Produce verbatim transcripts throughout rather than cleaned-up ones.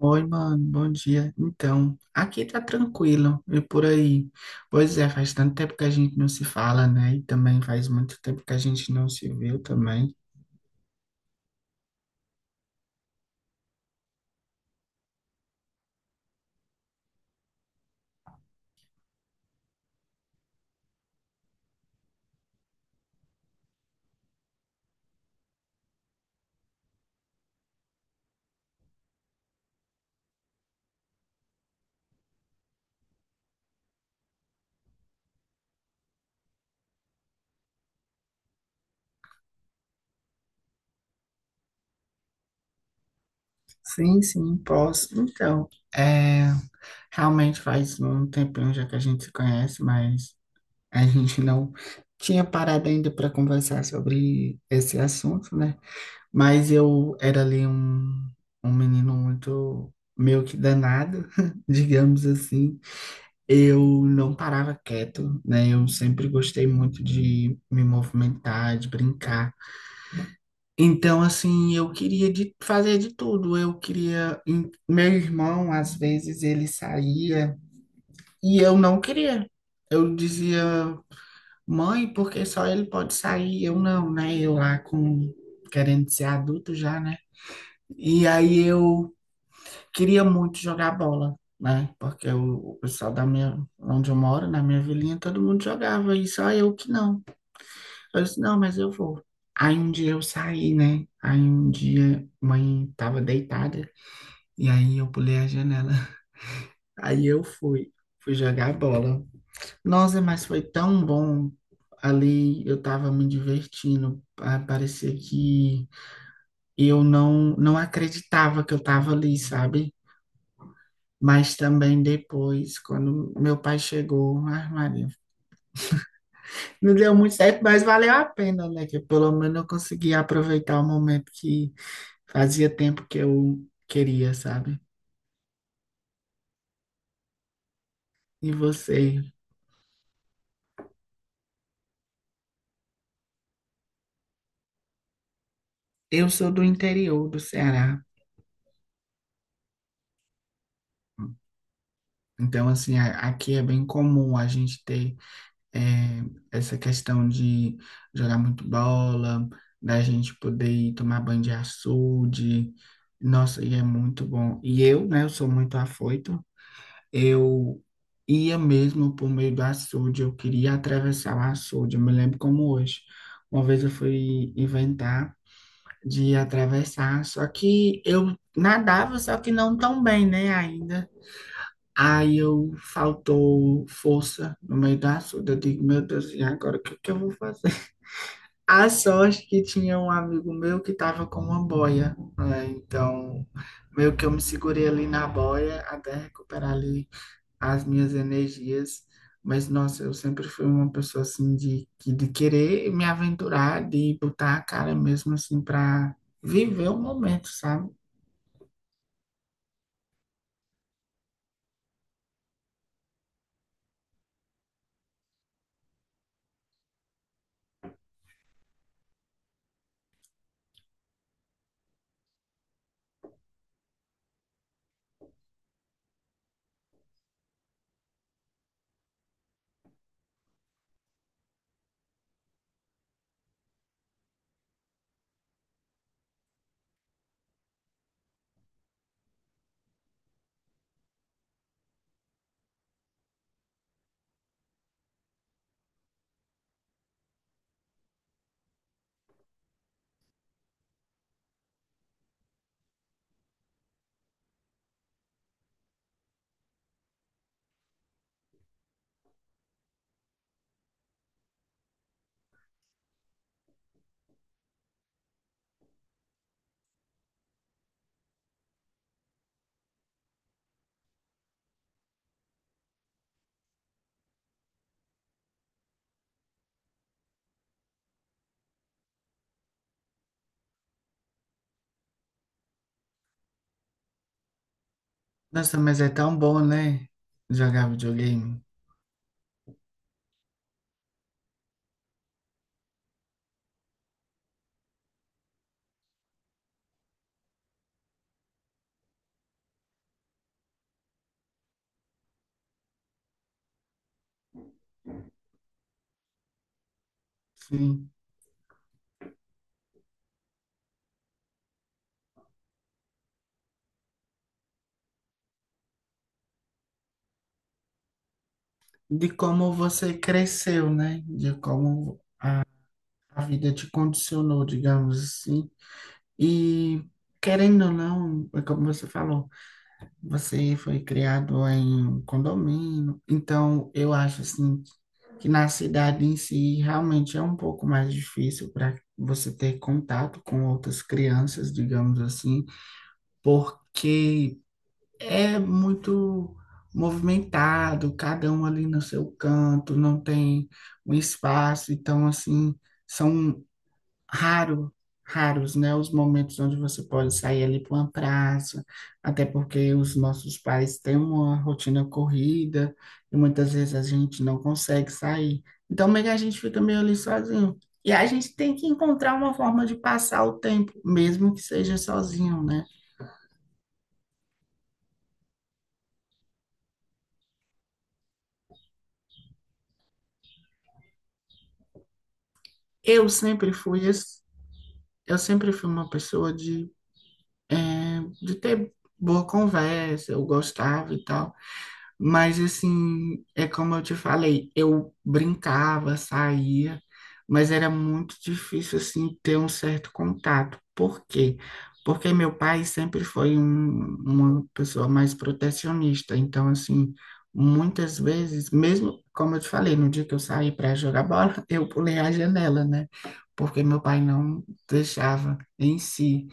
Oi, mano, bom dia. Então, aqui tá tranquilo e por aí. Pois é, faz tanto tempo que a gente não se fala, né? E também faz muito tempo que a gente não se viu também. Sim, sim, posso. Então, é, realmente faz um tempinho já que a gente se conhece, mas a gente não tinha parado ainda para conversar sobre esse assunto, né? Mas eu era ali um, um menino muito meio que danado, digamos assim. Eu não parava quieto, né? Eu sempre gostei muito de me movimentar, de brincar. Então, assim, eu queria de fazer de tudo. Eu queria. em- Meu irmão, às vezes, ele saía e eu não queria. Eu dizia, mãe, porque só ele pode sair, eu não, né? Eu lá com querendo ser adulto já, né? E aí eu queria muito jogar bola, né? Porque o, o pessoal da minha, onde eu moro, na minha vilinha, todo mundo jogava e só eu que não. Eu disse, não, mas eu vou. Aí um dia eu saí, né? Aí um dia mãe tava deitada e aí eu pulei a janela. Aí eu fui, Fui jogar bola. Nossa, mas foi tão bom. Ali eu tava me divertindo. Ah, parecia que eu não não acreditava que eu tava ali, sabe? Mas também depois, quando meu pai chegou, ai, Maria, não deu muito certo, mas valeu a pena, né? Que pelo menos eu consegui aproveitar o momento que fazia tempo que eu queria, sabe? E você? Eu sou do interior do Ceará, então, assim, a- aqui é bem comum a gente ter eh, essa questão de jogar muito bola, da gente poder ir tomar banho de açude. Nossa, e é muito bom. E eu, né, eu sou muito afoito. Eu ia mesmo por meio do açude, eu queria atravessar o açude, eu me lembro como hoje. Uma vez eu fui inventar de atravessar, só que eu nadava, só que não tão bem, né, ainda. Aí eu faltou força no meio do açude, eu digo, meu Deus, e agora o que que eu vou fazer? A sorte que tinha um amigo meu que estava com uma boia, né? Então, meio que eu me segurei ali na boia até recuperar ali as minhas energias, mas nossa, eu sempre fui uma pessoa assim de, que- de querer me aventurar, de botar a cara mesmo assim para viver o momento, sabe? Nossa, mas é tão bom, né? Jogar videogame. Sim. De como você cresceu, né? De como a vida te condicionou, digamos assim. E querendo ou não, é como você falou, você foi criado em um condomínio, então eu acho assim que na cidade em si realmente é um pouco mais difícil para você ter contato com outras crianças, digamos assim, porque é muito movimentado, cada um ali no seu canto, não tem um espaço, então assim, são raro, raros, né, os momentos onde você pode sair ali para uma praça, até porque os nossos pais têm uma rotina corrida e muitas vezes a gente não consegue sair. Então, meio que a gente fica meio ali sozinho. E a gente tem que encontrar uma forma de passar o tempo, mesmo que seja sozinho, né? Eu sempre fui, esse- eu sempre fui uma pessoa de, de ter boa conversa, eu gostava e tal. Mas assim, é como eu te falei, eu brincava, saía, mas era muito difícil assim ter um certo contato. Por quê? Porque meu pai sempre foi um- uma pessoa mais protecionista. Então, assim, muitas vezes, mesmo como eu te falei, no dia que eu saí para jogar bola, eu pulei a janela, né? Porque meu pai não deixava em si.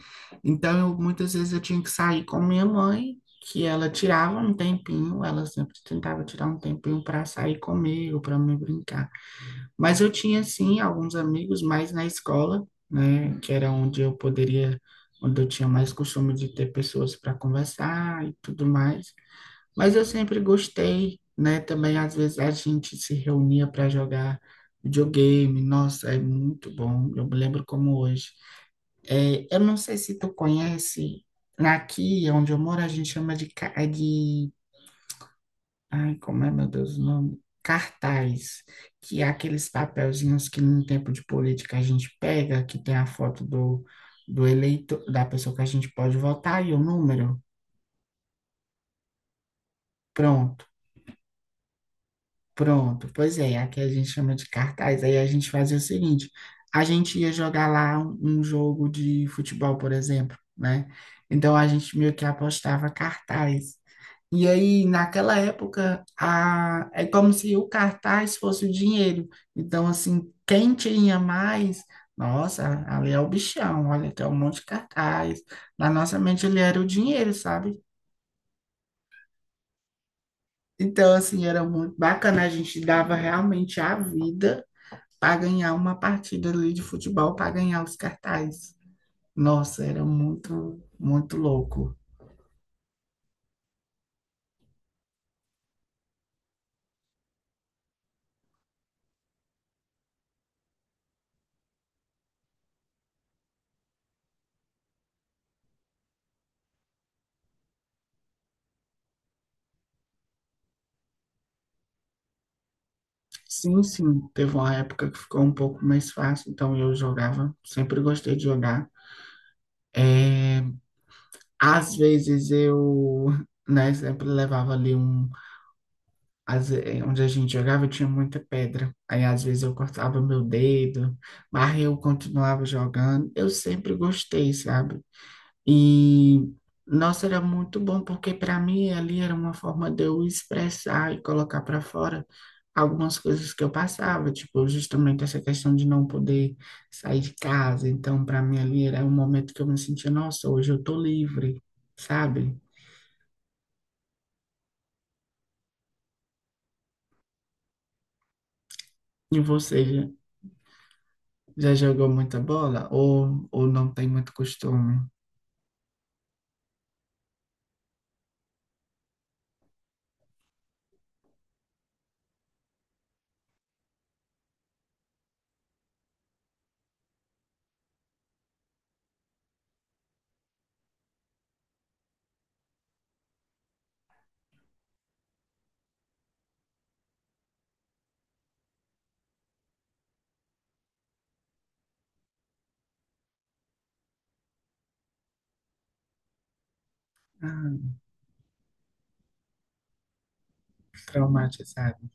Então, eu, muitas vezes eu tinha que sair com minha mãe que ela tirava um tempinho, ela sempre tentava tirar um tempinho para sair comigo, para me brincar. Mas eu tinha sim alguns amigos mais na escola, né, que era onde eu poderia, onde eu tinha mais costume de ter pessoas para conversar e tudo mais. Mas eu sempre gostei, né, também às vezes a gente se reunia para jogar videogame. Nossa, é muito bom. Eu me lembro como hoje. É, eu não sei se tu conhece. Aqui onde eu moro, a gente chama de, ca- de ai, como é, meu Deus, o nome? Cartaz, que é aqueles papelzinhos que no tempo de política a gente pega, que tem a foto do, do eleito, da pessoa que a gente pode votar e o número. Pronto, pronto. Pois é, aqui a gente chama de cartaz. Aí a gente fazia o seguinte: a gente ia jogar lá um, um jogo de futebol, por exemplo, né? Então a gente meio que apostava cartaz. E aí, naquela época, a... é como se o cartaz fosse o dinheiro. Então, assim, quem tinha mais, nossa, ali é o bichão, olha, tem um monte de cartaz. Na nossa mente, ele era o dinheiro, sabe? Então, assim, era muito bacana, a gente dava realmente a vida para ganhar uma partida ali de futebol, para ganhar os cartazes. Nossa, era muito, muito louco. Sim, sim, teve uma época que ficou um pouco mais fácil, então eu jogava, sempre gostei de jogar. É, às vezes eu, né, sempre levava ali um, às ve- é, onde a gente jogava tinha muita pedra. Aí às vezes eu cortava meu dedo, mas eu continuava jogando. Eu sempre gostei, sabe? E, nossa, era muito bom, porque para mim ali era uma forma de eu expressar e colocar para fora algumas coisas que eu passava, tipo, justamente essa questão de não poder sair de casa. Então, para mim ali era um momento que eu me sentia, nossa, hoje eu tô livre, sabe? E você já já jogou muita bola ou, ou não tem muito costume? Ah, traumatizado.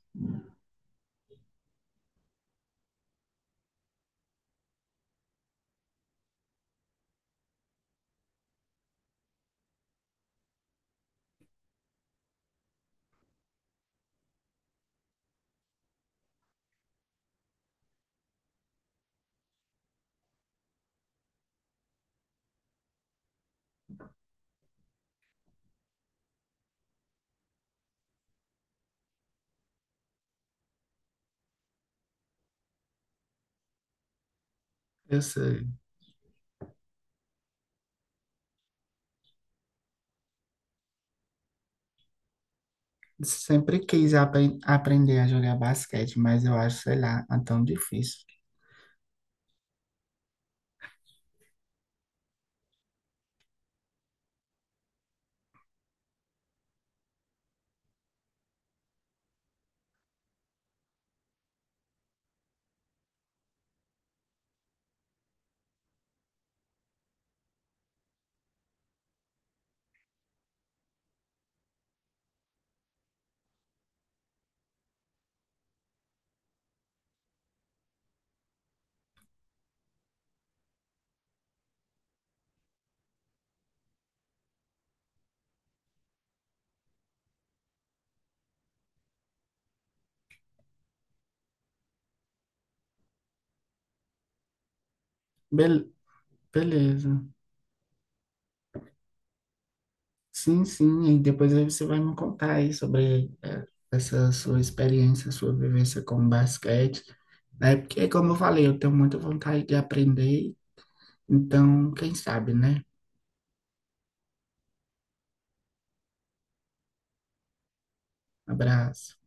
Eu sei. Sempre quis apren- aprender a jogar basquete, mas eu acho, sei lá, é tão difícil. Bel- Beleza. Sim, sim. E depois aí você vai me contar aí sobre é, essa sua experiência, sua vivência com basquete, né? Porque, como eu falei, eu tenho muita vontade de aprender. Então, quem sabe, né? Abraço.